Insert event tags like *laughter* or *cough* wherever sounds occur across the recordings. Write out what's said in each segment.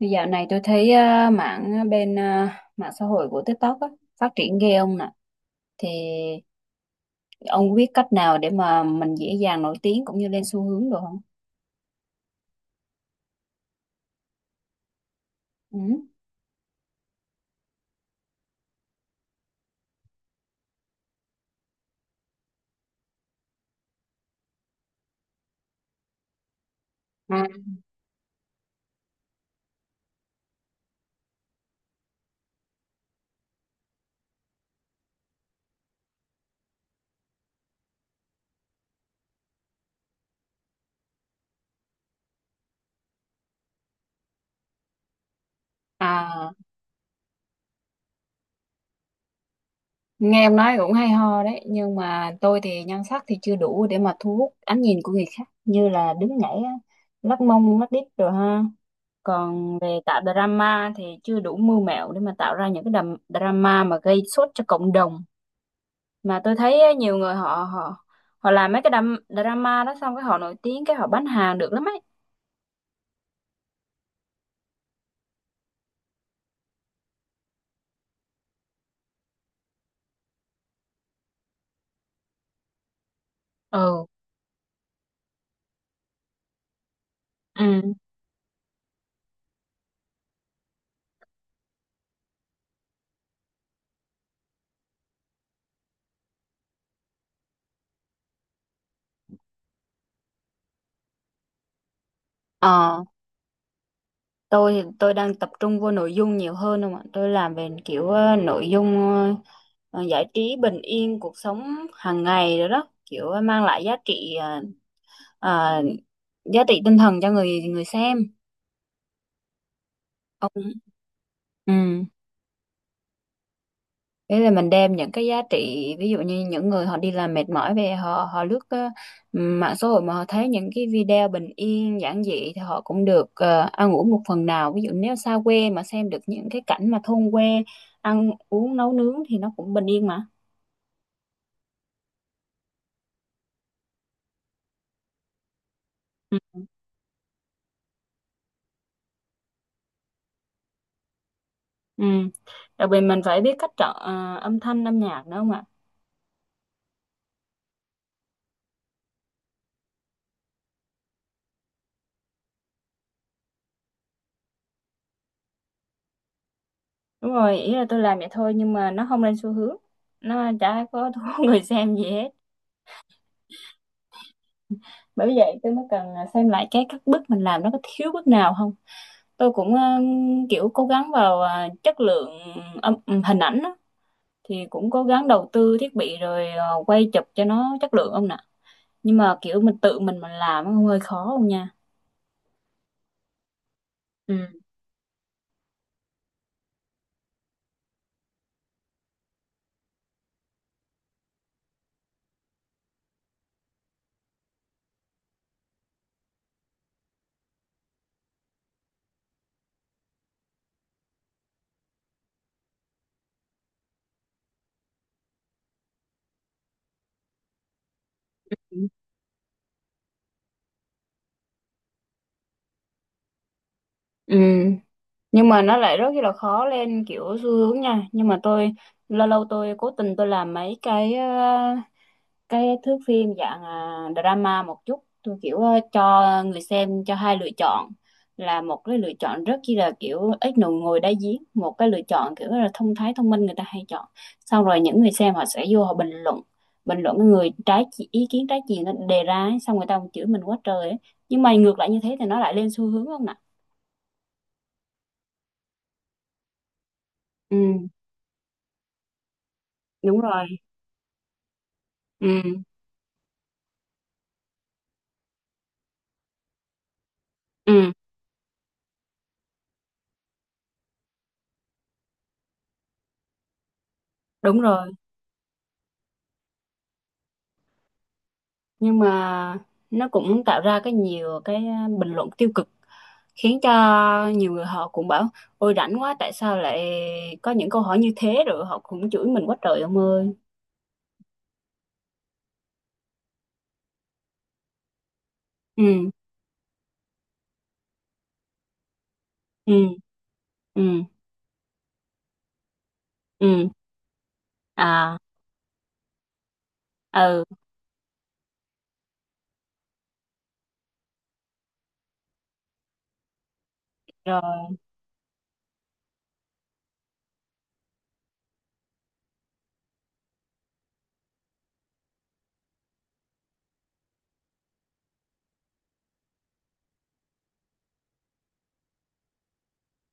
Thì dạo này tôi thấy mạng mạng xã hội của TikTok á, phát triển ghê ông nè. Thì ông có biết cách nào để mà mình dễ dàng nổi tiếng cũng như lên xu hướng được không? Ừ. Ừ. À, Nghe em nói cũng hay ho đấy, nhưng mà tôi thì nhan sắc thì chưa đủ để mà thu hút ánh nhìn của người khác, như là đứng nhảy á, lắc mông lắc đít rồi ha. Còn về tạo drama thì chưa đủ mưu mẹo để mà tạo ra những drama mà gây sốt cho cộng đồng, mà tôi thấy á, nhiều người họ họ họ làm mấy cái drama đó, xong cái họ nổi tiếng, cái họ bán hàng được lắm ấy. Ừ. Ừ. ờ tôi thì tôi đang tập trung vô nội dung nhiều hơn không ạ. Tôi làm về kiểu nội dung giải trí, bình yên cuộc sống hàng ngày rồi đó, kiểu mang lại giá trị ờ, giá trị tinh thần cho người người xem ông. Ừ. Thế là mình đem những cái giá trị, ví dụ như những người họ đi làm mệt mỏi về, họ họ lướt mạng xã hội mà họ thấy những cái video bình yên giản dị, thì họ cũng được ăn uống một phần nào. Ví dụ nếu xa quê mà xem được những cái cảnh mà thôn quê ăn uống nấu nướng thì nó cũng bình yên mà. Ừ. Ừ. Đặc biệt mình phải biết cách chọn âm thanh âm nhạc nữa không ạ. Đúng rồi, ý là tôi làm vậy thôi nhưng mà nó không lên xu hướng, nó chả có thu *laughs* người xem gì hết. Bởi vậy tôi mới cần à, xem lại cái các bước mình làm nó có thiếu bước nào không. Tôi cũng kiểu cố gắng vào chất lượng âm hình ảnh á. Thì cũng cố gắng đầu tư thiết bị rồi quay chụp cho nó chất lượng ông nè, nhưng mà kiểu mình tự mình làm nó hơi khó không nha. Ừ. Ừ. Nhưng mà nó lại rất là khó lên kiểu xu hướng nha. Nhưng mà tôi lâu lâu tôi cố tình tôi làm mấy cái thước phim dạng à, drama một chút, tôi kiểu cho người xem cho hai lựa chọn, là một cái lựa chọn rất chi là kiểu ít nụ ngồi đá giếng, một cái lựa chọn kiểu là thông thái thông minh người ta hay chọn. Xong rồi những người xem họ sẽ vô họ bình luận cái ý kiến trái chiều nó đề ra ấy, xong người ta còn chửi mình quá trời ấy. Nhưng mà ngược lại như thế thì nó lại lên xu hướng không nè. Ừ, đúng rồi. Ừ. Ừ, đúng rồi. Nhưng mà nó cũng tạo ra nhiều cái à, bình luận tiêu cực, khiến cho nhiều người họ cũng bảo ôi rảnh quá, tại sao lại có những câu hỏi như thế, rồi họ cũng chửi mình quá trời ông ơi. Ừ. Ừ. Ừ. Ừ. À. Ừ. Rồi.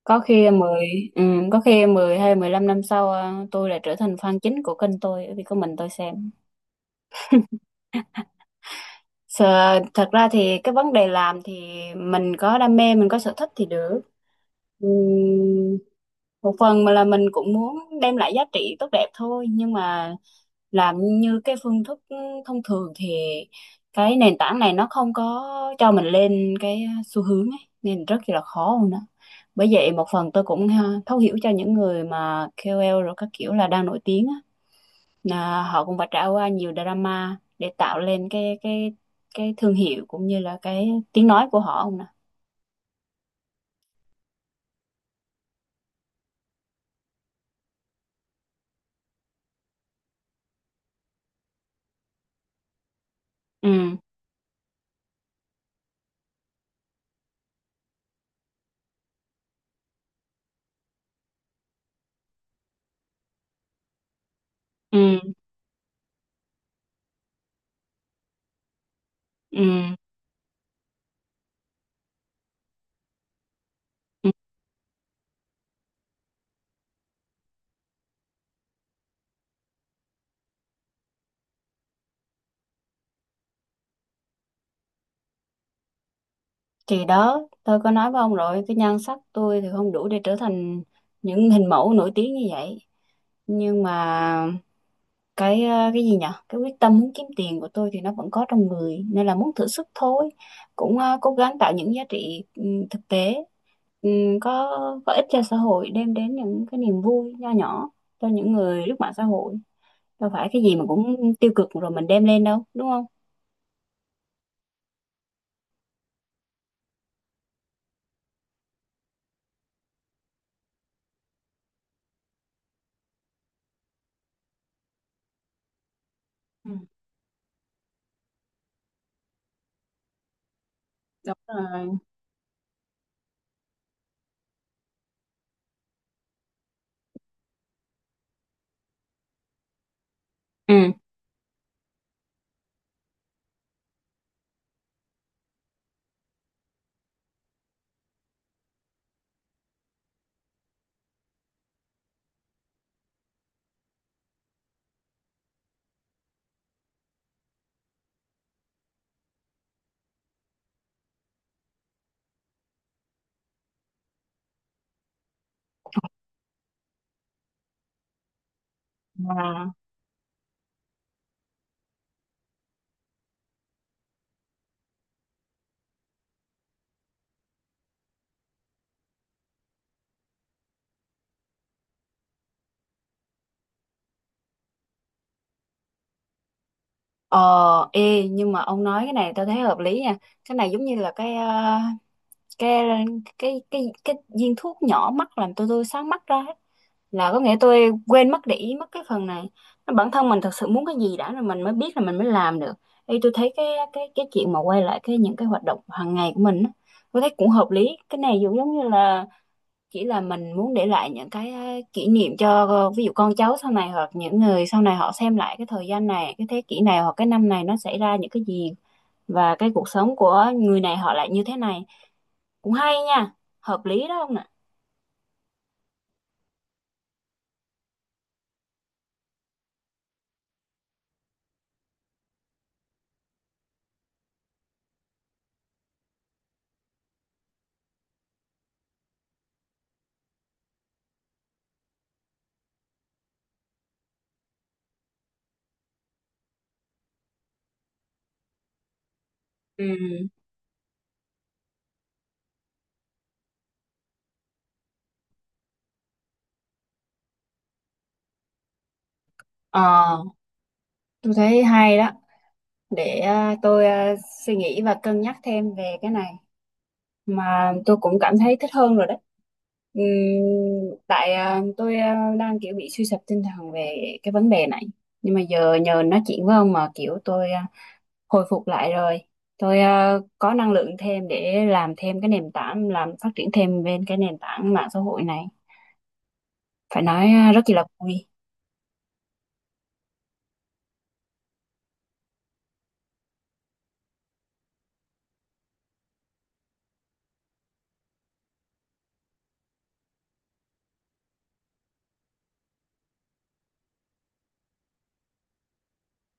Có khi mười. Ừ, có khi mười hay mười lăm năm sau à, tôi lại trở thành fan chính của kênh tôi bởi vì có mình tôi xem. Sợ. Thật ra thì cái vấn đề làm thì mình có đam mê mình có sở thích thì được. Ừ, một phần mà là mình cũng muốn đem lại giá trị tốt đẹp thôi, nhưng mà làm như cái phương thức thông thường thì cái nền tảng này nó không có cho mình lên cái xu hướng ấy, nên rất là khó luôn đó. Bởi vậy một phần tôi cũng ha, thấu hiểu cho những người mà KOL rồi các kiểu là đang nổi tiếng á, là họ cũng phải trải qua nhiều drama để tạo lên cái thương hiệu cũng như là cái tiếng nói của họ không nè. Ừ. Ừ. Ừ. Thì đó, tôi có nói với ông rồi, cái nhan sắc tôi thì không đủ để trở thành những hình mẫu nổi tiếng như vậy. Nhưng mà cái cái gì nhở? Cái quyết tâm muốn kiếm tiền của tôi thì nó vẫn có trong người, nên là muốn thử sức thôi. Cũng cố gắng tạo những giá trị ừ, thực tế, ừ, có có ích cho xã hội, đem đến những cái niềm vui nho nhỏ cho những người lướt mạng xã hội. Đâu phải cái gì mà cũng tiêu cực rồi mình đem lên đâu, đúng không? Ừ, đúng rồi. Ừ. Mà ờ, ê, nhưng mà ông nói cái này tao thấy hợp lý nha. Cái này giống như là cái cái cái viên thuốc nhỏ mắt làm tôi sáng mắt ra ấy. Là có nghĩa tôi quên mất để ý mất cái phần này. Nó. Bản thân mình thật sự muốn cái gì đã rồi mình mới biết là mình mới làm được. Ê, tôi thấy cái chuyện mà quay lại cái những cái hoạt động hàng ngày của mình á, tôi thấy cũng hợp lý. Cái này giống giống như là chỉ là mình muốn để lại những cái kỷ niệm cho ờ, ví dụ con cháu sau này, hoặc những người sau này họ xem lại cái thời gian này, cái thế kỷ này hoặc cái năm này nó xảy ra những cái gì, và cái cuộc sống của người này họ lại như thế này. Cũng hay nha, hợp lý đó không nè. Ừ. Ờ, tôi thấy hay đó, để suy nghĩ và cân nhắc thêm về cái này. Mà tôi cũng cảm thấy thích hơn rồi đấy. Ừm, tại à, tôi à, đang kiểu bị suy sụp tinh thần về cái vấn đề này, nhưng mà giờ nhờ nói chuyện với ông mà kiểu tôi à, hồi phục lại rồi, tôi à, có năng lượng thêm để làm thêm cái nền tảng, làm phát triển thêm bên cái nền tảng mạng xã hội này. Phải nói à, rất là vui.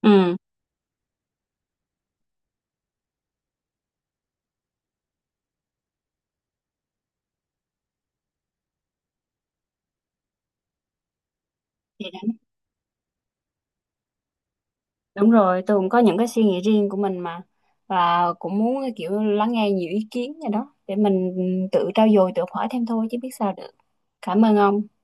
Ừ. Đúng rồi, tôi cũng có những cái suy nghĩ riêng của mình mà, và cũng muốn kiểu lắng nghe nhiều ý kiến gì đó để mình tự trau dồi tự học hỏi thêm thôi chứ biết sao được. Cảm ơn ông.